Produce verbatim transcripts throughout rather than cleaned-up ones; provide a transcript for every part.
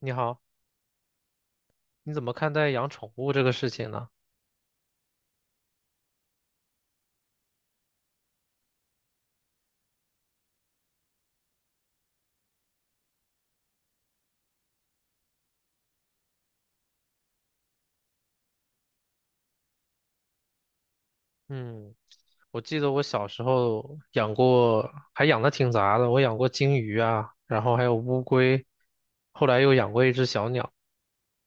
你好，你怎么看待养宠物这个事情呢？嗯，我记得我小时候养过，还养的挺杂的，我养过金鱼啊，然后还有乌龟，后来又养过一只小鸟。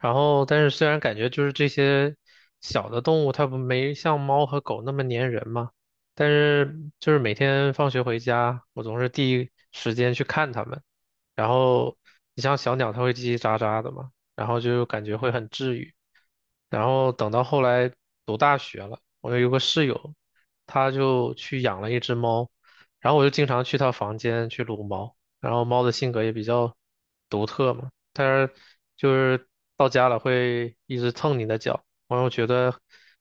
然后，但是虽然感觉就是这些小的动物，它不没像猫和狗那么粘人嘛，但是就是每天放学回家，我总是第一时间去看它们。然后，你像小鸟，它会叽叽喳喳的嘛，然后就感觉会很治愈。然后等到后来读大学了，我有个室友，他就去养了一只猫，然后我就经常去他房间去撸猫，然后猫的性格也比较独特嘛。但是就是到家了会一直蹭你的脚，然后觉得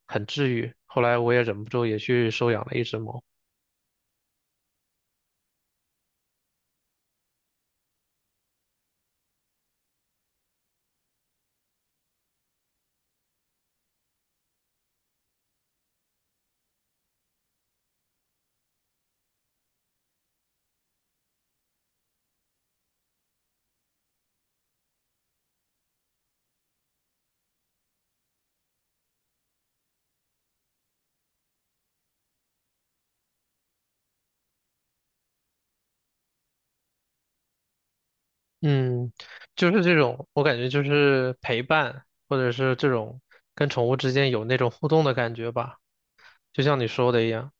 很治愈。后来我也忍不住也去收养了一只猫。嗯，就是这种，我感觉就是陪伴，或者是这种跟宠物之间有那种互动的感觉吧。就像你说的一样，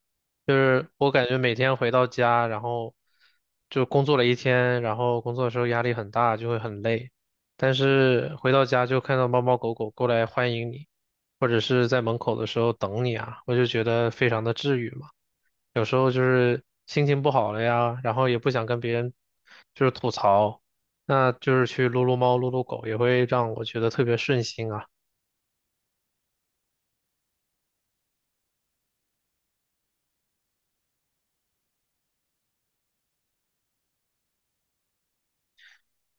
就是我感觉每天回到家，然后就工作了一天，然后工作的时候压力很大，就会很累。但是回到家就看到猫猫狗狗过来欢迎你，或者是在门口的时候等你啊，我就觉得非常的治愈嘛。有时候就是心情不好了呀，然后也不想跟别人就是吐槽，那就是去撸撸猫、撸撸狗，也会让我觉得特别顺心啊。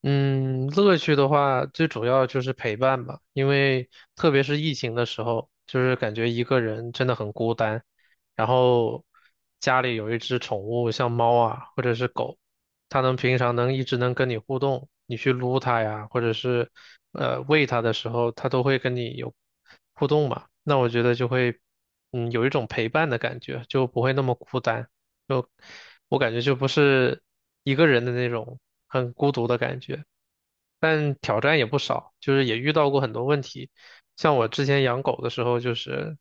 嗯，乐趣的话，最主要就是陪伴吧，因为特别是疫情的时候，就是感觉一个人真的很孤单。然后家里有一只宠物，像猫啊或者是狗，它能平常能一直能跟你互动，你去撸它呀，或者是呃喂它的时候，它都会跟你有互动嘛。那我觉得就会嗯有一种陪伴的感觉，就不会那么孤单。就我感觉就不是一个人的那种很孤独的感觉。但挑战也不少，就是也遇到过很多问题。像我之前养狗的时候，就是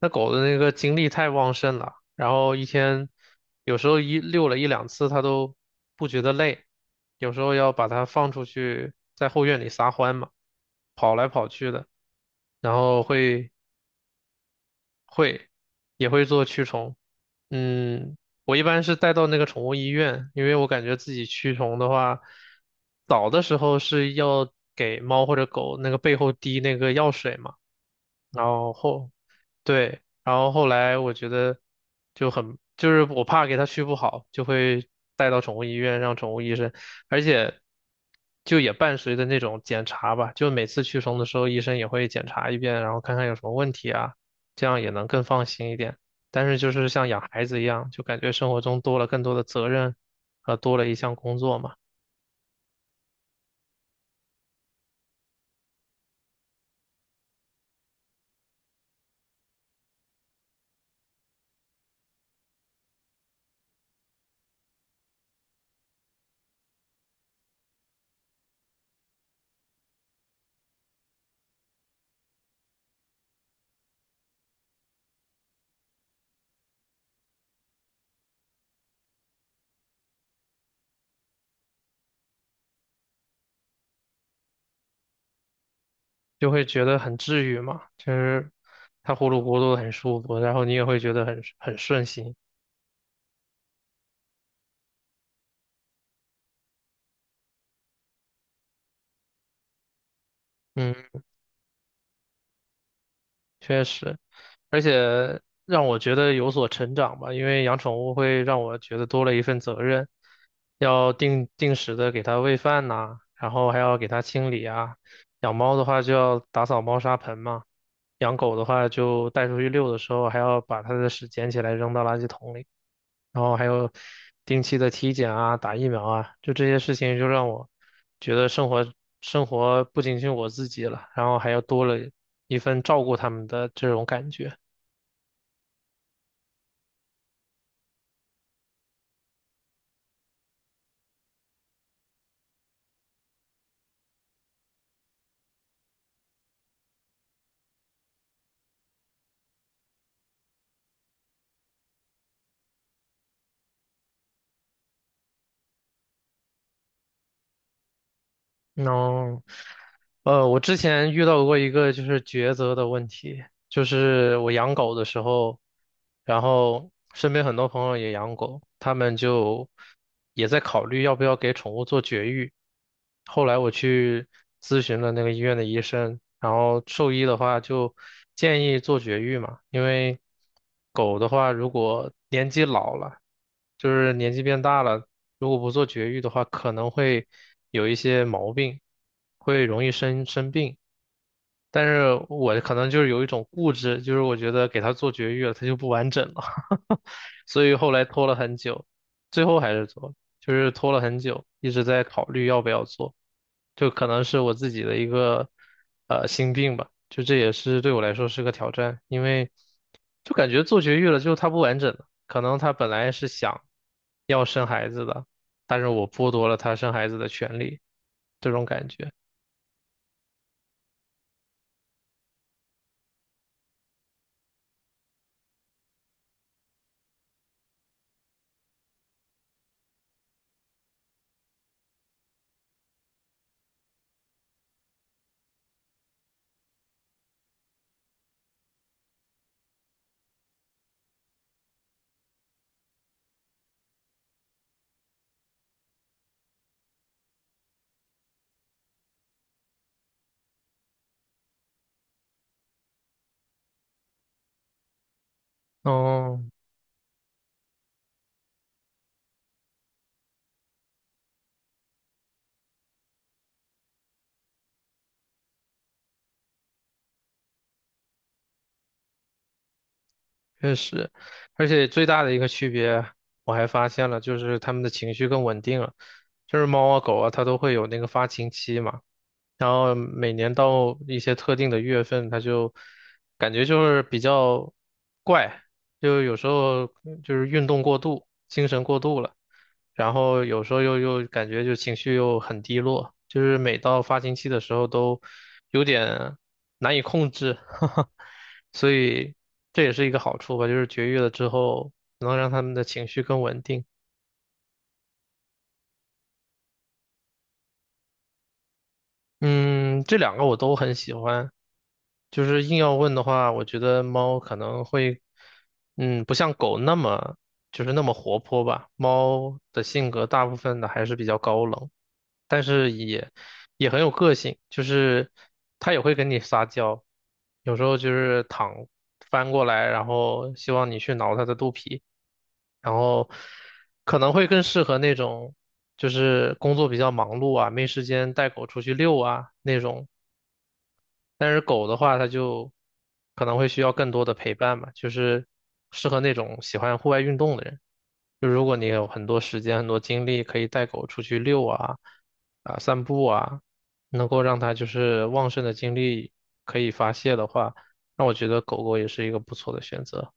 那狗的那个精力太旺盛了，然后一天有时候一遛了一两次，它都不觉得累，有时候要把它放出去在后院里撒欢嘛，跑来跑去的，然后会会，也会做驱虫。嗯，我一般是带到那个宠物医院，因为我感觉自己驱虫的话，早的时候是要给猫或者狗那个背后滴那个药水嘛，然后后对，然后后来我觉得就很，就是我怕给它续不好，就会带到宠物医院让宠物医生，而且就也伴随着那种检查吧，就每次驱虫的时候，医生也会检查一遍，然后看看有什么问题啊，这样也能更放心一点。但是就是像养孩子一样，就感觉生活中多了更多的责任，和多了一项工作嘛，就会觉得很治愈嘛，就是它呼噜呼噜很舒服，然后你也会觉得很很顺心，嗯，确实。而且让我觉得有所成长吧，因为养宠物会让我觉得多了一份责任，要定定时的给它喂饭呐、然后还要给它清理啊。养猫的话就要打扫猫砂盆嘛，养狗的话就带出去遛的时候还要把它的屎捡起来扔到垃圾桶里，然后还有定期的体检啊、打疫苗啊，就这些事情就让我觉得生活生活不仅仅我自己了，然后还要多了一份照顾它们的这种感觉。哦，呃，我之前遇到过一个就是抉择的问题，就是我养狗的时候，然后身边很多朋友也养狗，他们就也在考虑要不要给宠物做绝育。后来我去咨询了那个医院的医生，然后兽医的话就建议做绝育嘛，因为狗的话如果年纪老了，就是年纪变大了，如果不做绝育的话，可能会有一些毛病，会容易生生病。但是我可能就是有一种固执，就是我觉得给它做绝育了，它就不完整了，所以后来拖了很久，最后还是做了就是拖了很久，一直在考虑要不要做，就可能是我自己的一个呃心病吧，就这也是对我来说是个挑战，因为就感觉做绝育了之后它不完整了，可能他本来是想要生孩子的，但是我剥夺了他生孩子的权利，这种感觉。哦，确实，而且最大的一个区别，我还发现了，就是它们的情绪更稳定了。就是猫啊狗啊，它都会有那个发情期嘛，然后每年到一些特定的月份，它就感觉就是比较怪，就有时候就是运动过度、精神过度了。然后有时候又又感觉就情绪又很低落，就是每到发情期的时候都有点难以控制，哈哈，所以这也是一个好处吧，就是绝育了之后能让它们的情绪更稳定。嗯，这两个我都很喜欢。就是硬要问的话，我觉得猫可能会，嗯，不像狗那么就是那么活泼吧。猫的性格大部分的还是比较高冷。但是也也很有个性，就是它也会跟你撒娇，有时候就是躺翻过来，然后希望你去挠它的肚皮，然后可能会更适合那种就是工作比较忙碌啊，没时间带狗出去遛啊那种。但是狗的话，它就可能会需要更多的陪伴嘛，就是适合那种喜欢户外运动的人。就如果你有很多时间、很多精力，可以带狗出去遛啊、啊散步啊，能够让它就是旺盛的精力可以发泄的话，那我觉得狗狗也是一个不错的选择。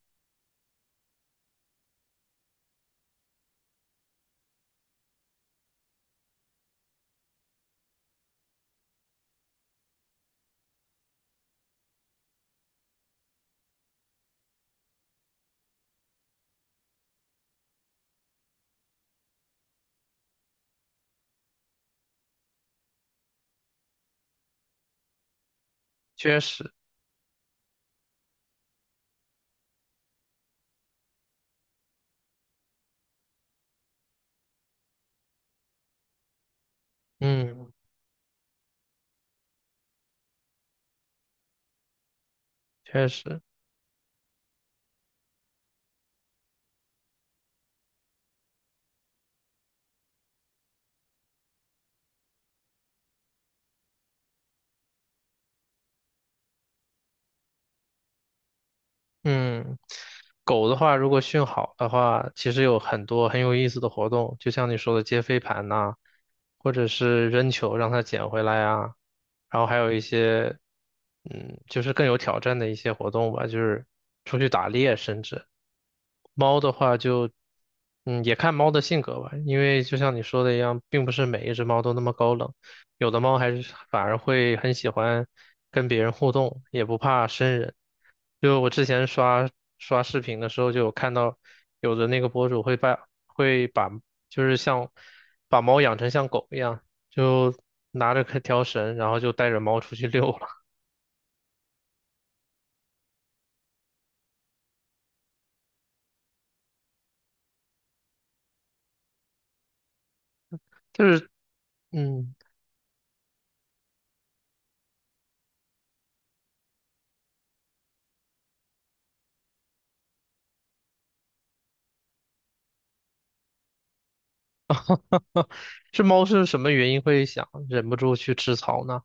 确实，嗯，确实。嗯，狗的话，如果训好的话，其实有很多很有意思的活动，就像你说的接飞盘呐、或者是扔球让它捡回来啊，然后还有一些，嗯，就是更有挑战的一些活动吧，就是出去打猎，甚至猫的话就，嗯，也看猫的性格吧，因为就像你说的一样，并不是每一只猫都那么高冷。有的猫还是反而会很喜欢跟别人互动，也不怕生人。就我之前刷刷视频的时候，就有看到有的那个博主会把会把就是像把猫养成像狗一样，就拿着条绳，然后就带着猫出去遛了。就是嗯，这猫是什么原因会想忍不住去吃草呢？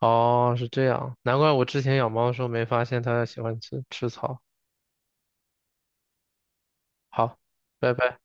哦，是这样，难怪我之前养猫的时候没发现它喜欢吃吃草。好，拜拜。